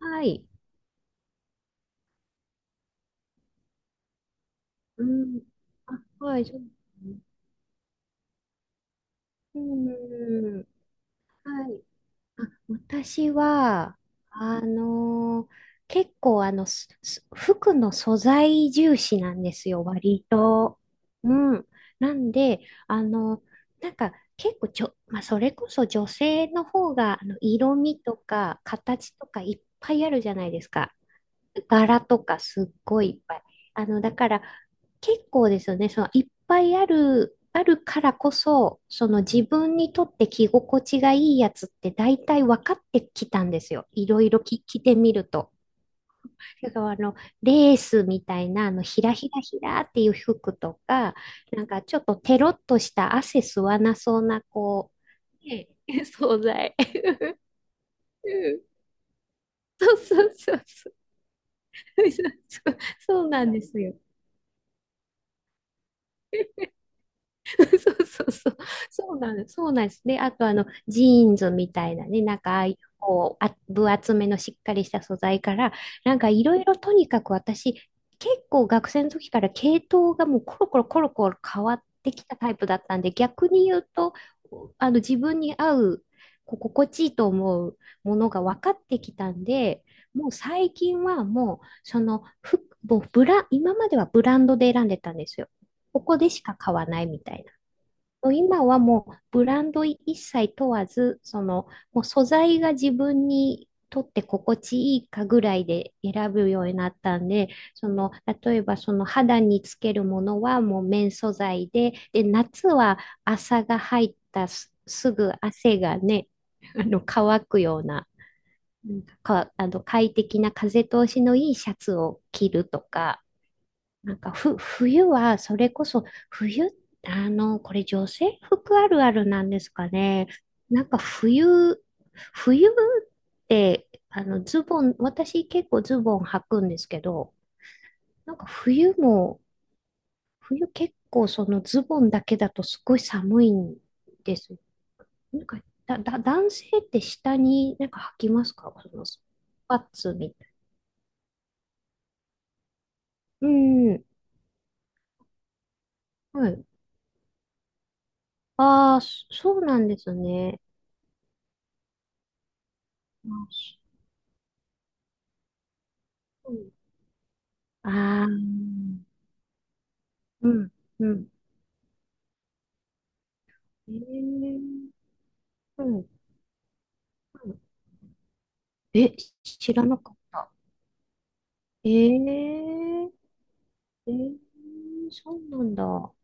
はい。うん。あ、はい、そうですね。うん。はい。あ、私は、あのー結構、服の素材重視なんですよ、割と。うん。なんで、あの、なんか、結構まあ、それこそ女性の方が、色味とか、形とかいっぱいあるじゃないですか。柄とかすっごいいっぱい。だから結構ですよね。そのいっぱいあるからこそ、その自分にとって着心地がいいやつって大体分かってきたんですよ。いろいろ着てみると。だからレースみたいな、ひらひらひらっていう服とか、なんかちょっとテロッとした汗吸わなそうな、こう、ね、惣菜。そうそうそうそう。そうなんですよ。そうそうそう。そうなんですそうなんです。で、あとジーンズみたいなね、なんかああいうこう、あ、分厚めのしっかりした素材から、なんかいろいろとにかく私、結構学生の時から系統がもうコロコロコロコロ変わってきたタイプだったんで、逆に言うと、自分に合う、こう心地いいと思うものが分かってきたんで、もう最近はもう、その、服もう今まではブランドで選んでたんですよ。ここでしか買わないみたいな。もう今はもうブランド一切問わず、そのもう素材が自分にとって心地いいかぐらいで選ぶようになったんで、その例えばその肌につけるものはもう綿素材で、で夏は朝が入ったすぐ汗がね、乾くような、うんか、快適な風通しのいいシャツを着るとか。なんか冬は、それこそ、冬、これ女性服あるあるなんですかね。なんか冬って、ズボン、私結構ズボン履くんですけど、なんか冬結構そのズボンだけだとすごい寒いんです。なんか、男性って下になんか履きますかそのスパッツみたいな。うん。はい。ああ、そうなんですね。あそうああ、うん、うん。ええうん、うん。え、知らなかった。えええーそうなんだ。う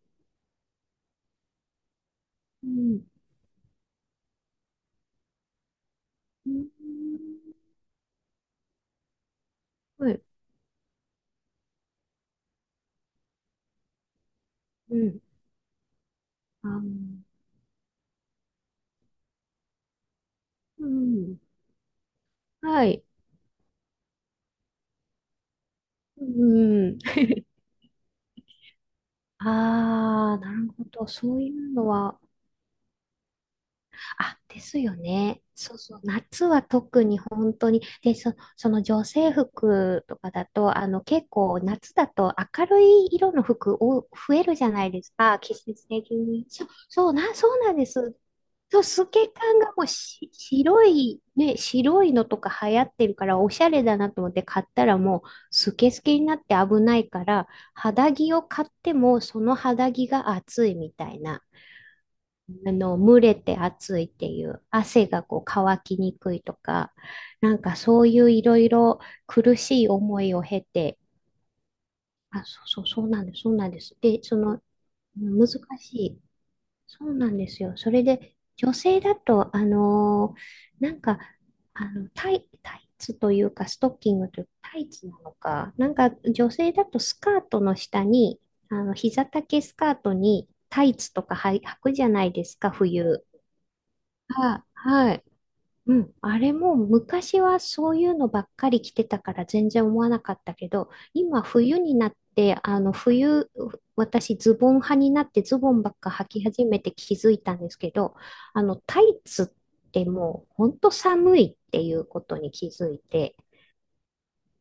ん、うん、はい、うん、あー、うん、はい、うん。ああ、なるほど。そういうのは、あ、ですよね。そうそう。夏は特に本当に。で、その女性服とかだと、結構夏だと明るい色の服を増えるじゃないですか。季節的に。そう、そうなんです。そう、透け感がもうし、白い、ね、白いのとか流行ってるから、おしゃれだなと思って買ったらもう、スケスケになって危ないから、肌着を買っても、その肌着が暑いみたいな。蒸れて暑いっていう、汗がこう乾きにくいとか、なんかそういういろいろ苦しい思いを経て、あ、そうそう、そうなんです、そうなんです。で、その、難しい。そうなんですよ。それで、女性だと、なんか、タイツというか、ストッキングというか、タイツなのか、なんか女性だとスカートの下に、膝丈スカートにタイツとかはい履くじゃないですか、冬。あ、はい。うん。あれも昔はそういうのばっかり着てたから全然思わなかったけど、今冬になって、冬、私ズボン派になってズボンばっか履き始めて気づいたんですけど、あのタイツってもう本当寒いっていうことに気づいて、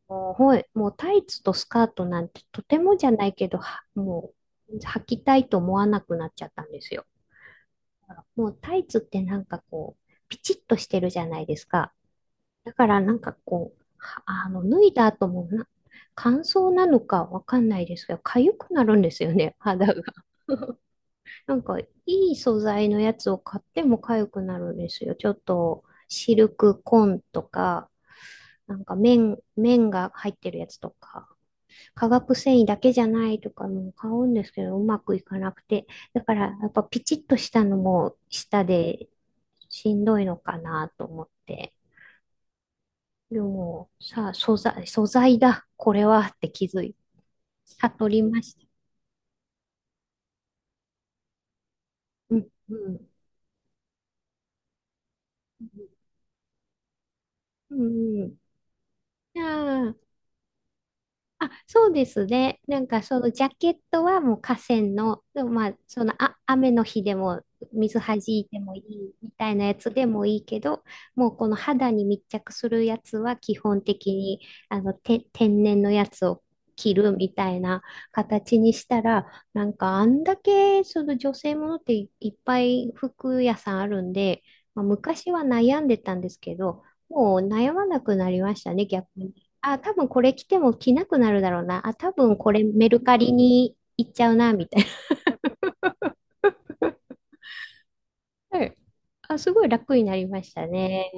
はい、もうタイツとスカートなんてとてもじゃないけど、もう履きたいと思わなくなっちゃったんですよ。もうタイツってなんかこう、ピチッとしてるじゃないですか。だからなんかこう、はあの、脱いだ後もな、乾燥なのかわかんないですけど、痒くなるんですよね、肌が。なんか、いい素材のやつを買っても痒くなるんですよ。ちょっと、シルクコーンとか、なんか綿が入ってるやつとか、化学繊維だけじゃないとかも買うんですけど、うまくいかなくて。だから、やっぱピチッとしたのも、舌でしんどいのかなと思って。でも、さあ、素材、素材だ、これはって気づい、悟りました。うん、うん、うん。じゃああ、そうですね。なんかそのジャケットはもう河川の、でもまあその雨の日でも水弾いてもいいみたいなやつでもいいけど、もうこの肌に密着するやつは基本的にあのて天然のやつを着るみたいな形にしたら、なんかあんだけその女性ものっていいっぱい服屋さんあるんで、まあ、昔は悩んでたんですけど、もう悩まなくなりましたね、逆に。あ、多分これ着ても着なくなるだろうな。あ、多分これメルカリに行っちゃうな、みたいな。はい。あ、すごい楽になりましたね。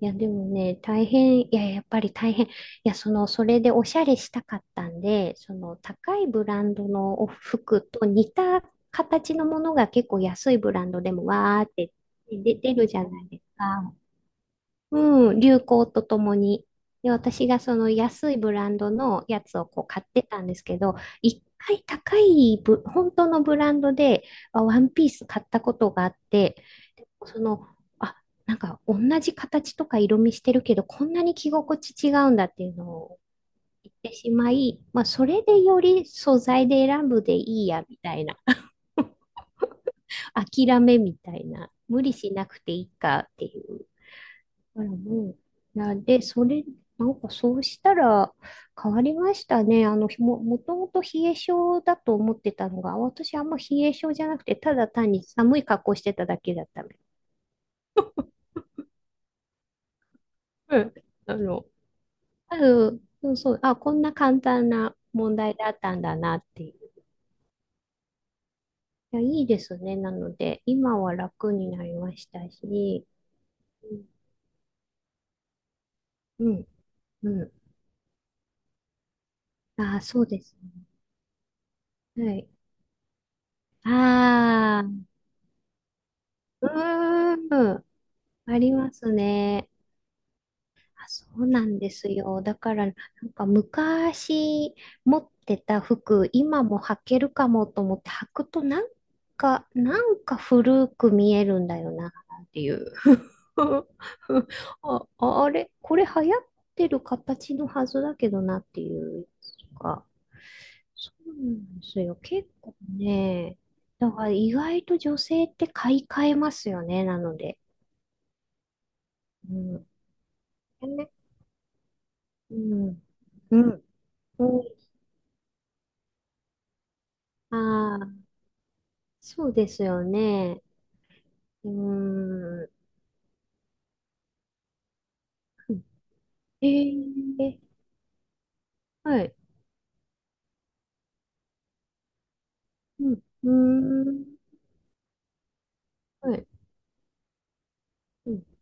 いや、でもね、大変、いや、やっぱり大変。いや、その、それでおしゃれしたかったんで、その、高いブランドのお服と似た形のものが結構安いブランドでもわーって出るじゃないですか。うん、流行とともに。で、私がその安いブランドのやつをこう買ってたんですけど、一回高い本当のブランドで、あワンピース買ったことがあって、その、あ、なんか同じ形とか色味してるけど、こんなに着心地違うんだっていうのを言ってしまい、まあ、それでより素材で選ぶでいいや、みたいな。諦めみたいな。無理しなくていいかっていう。からもう、で、なんかそうしたら変わりましたね。もともと冷え性だと思ってたのが、私あんま冷え性じゃなくて、ただ単に寒い格好してただけだったの。うん。あの、そうそう、あ、こんな簡単な問題だったんだなっていう。いや、いいですね。なので、今は楽になりましたし、うん、うん。うんあー、そうですね。はい。ああ、うーん、ありますね。あ、そうなんですよ。だから、なんか昔持ってた服、今も履けるかもと思って履くと、なんか古く見えるんだよな、っていう。あ、あれ、これ流行ってる形のはずだけどな、っていうか。そうなんですよ。結構ね、だから意外と女性って買い替えますよね、なので。うん。ねうん。うん。ああ、そうですよね。うーん。えー、え、はい。うん。うーん。はい。うん。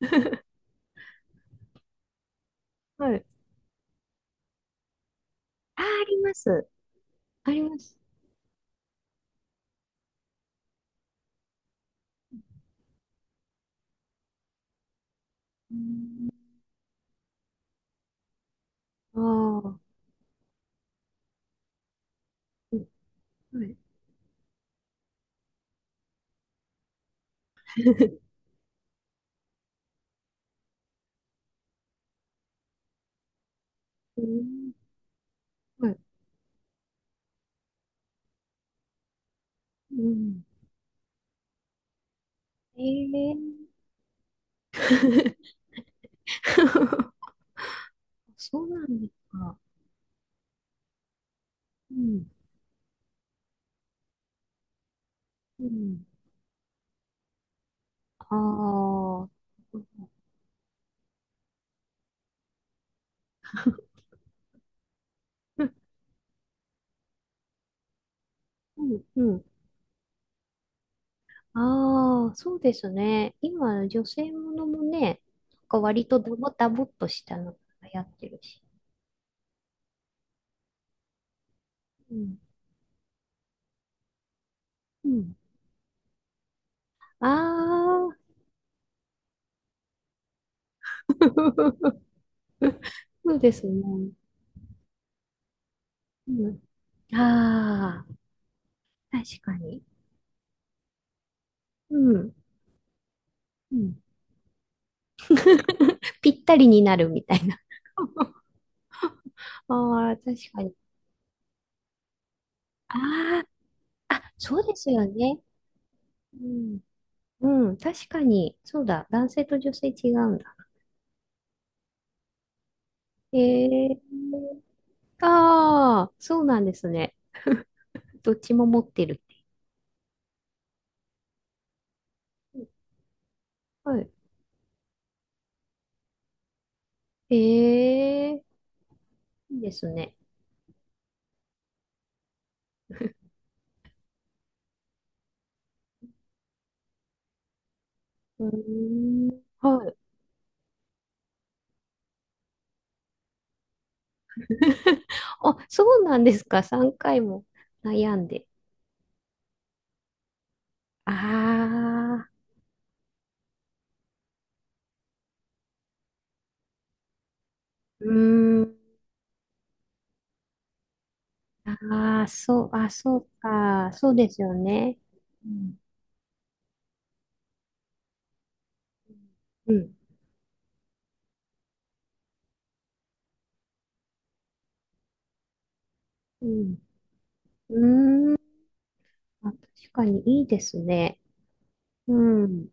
はい。あー、あります。あります。うーん。ああ。うん。はい。うーん。はい。うん。えー。そうなんですか。うん。うん。ああ。うん。うん。ああ、そうですね。今、女性ものもね、なんか割とダボダボっとしたのが流行ってるし。うん。うん。ああ、そうですね。うん。ああ、確かに。うん。うん。ぴったりになるみたいな。ああ、確かに。ああ、あ、そうですよね。うん。うん、確かに。そうだ。男性と女性違うんだ。ええああ、そうなんですね。どっちも持ってるって。はい。ええ、いいですね。うーん。はい。あ、そうなんですか。3回も悩んで。ああ、うーん。ああ、そう、あ、そうか。そうですよね。うん。うん。うん。うーん。あ、確かにいいですね。うん。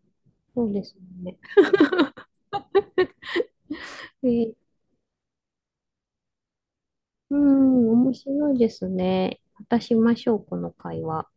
そうですね。えーうん、面白いですね。またしましょう、この会話。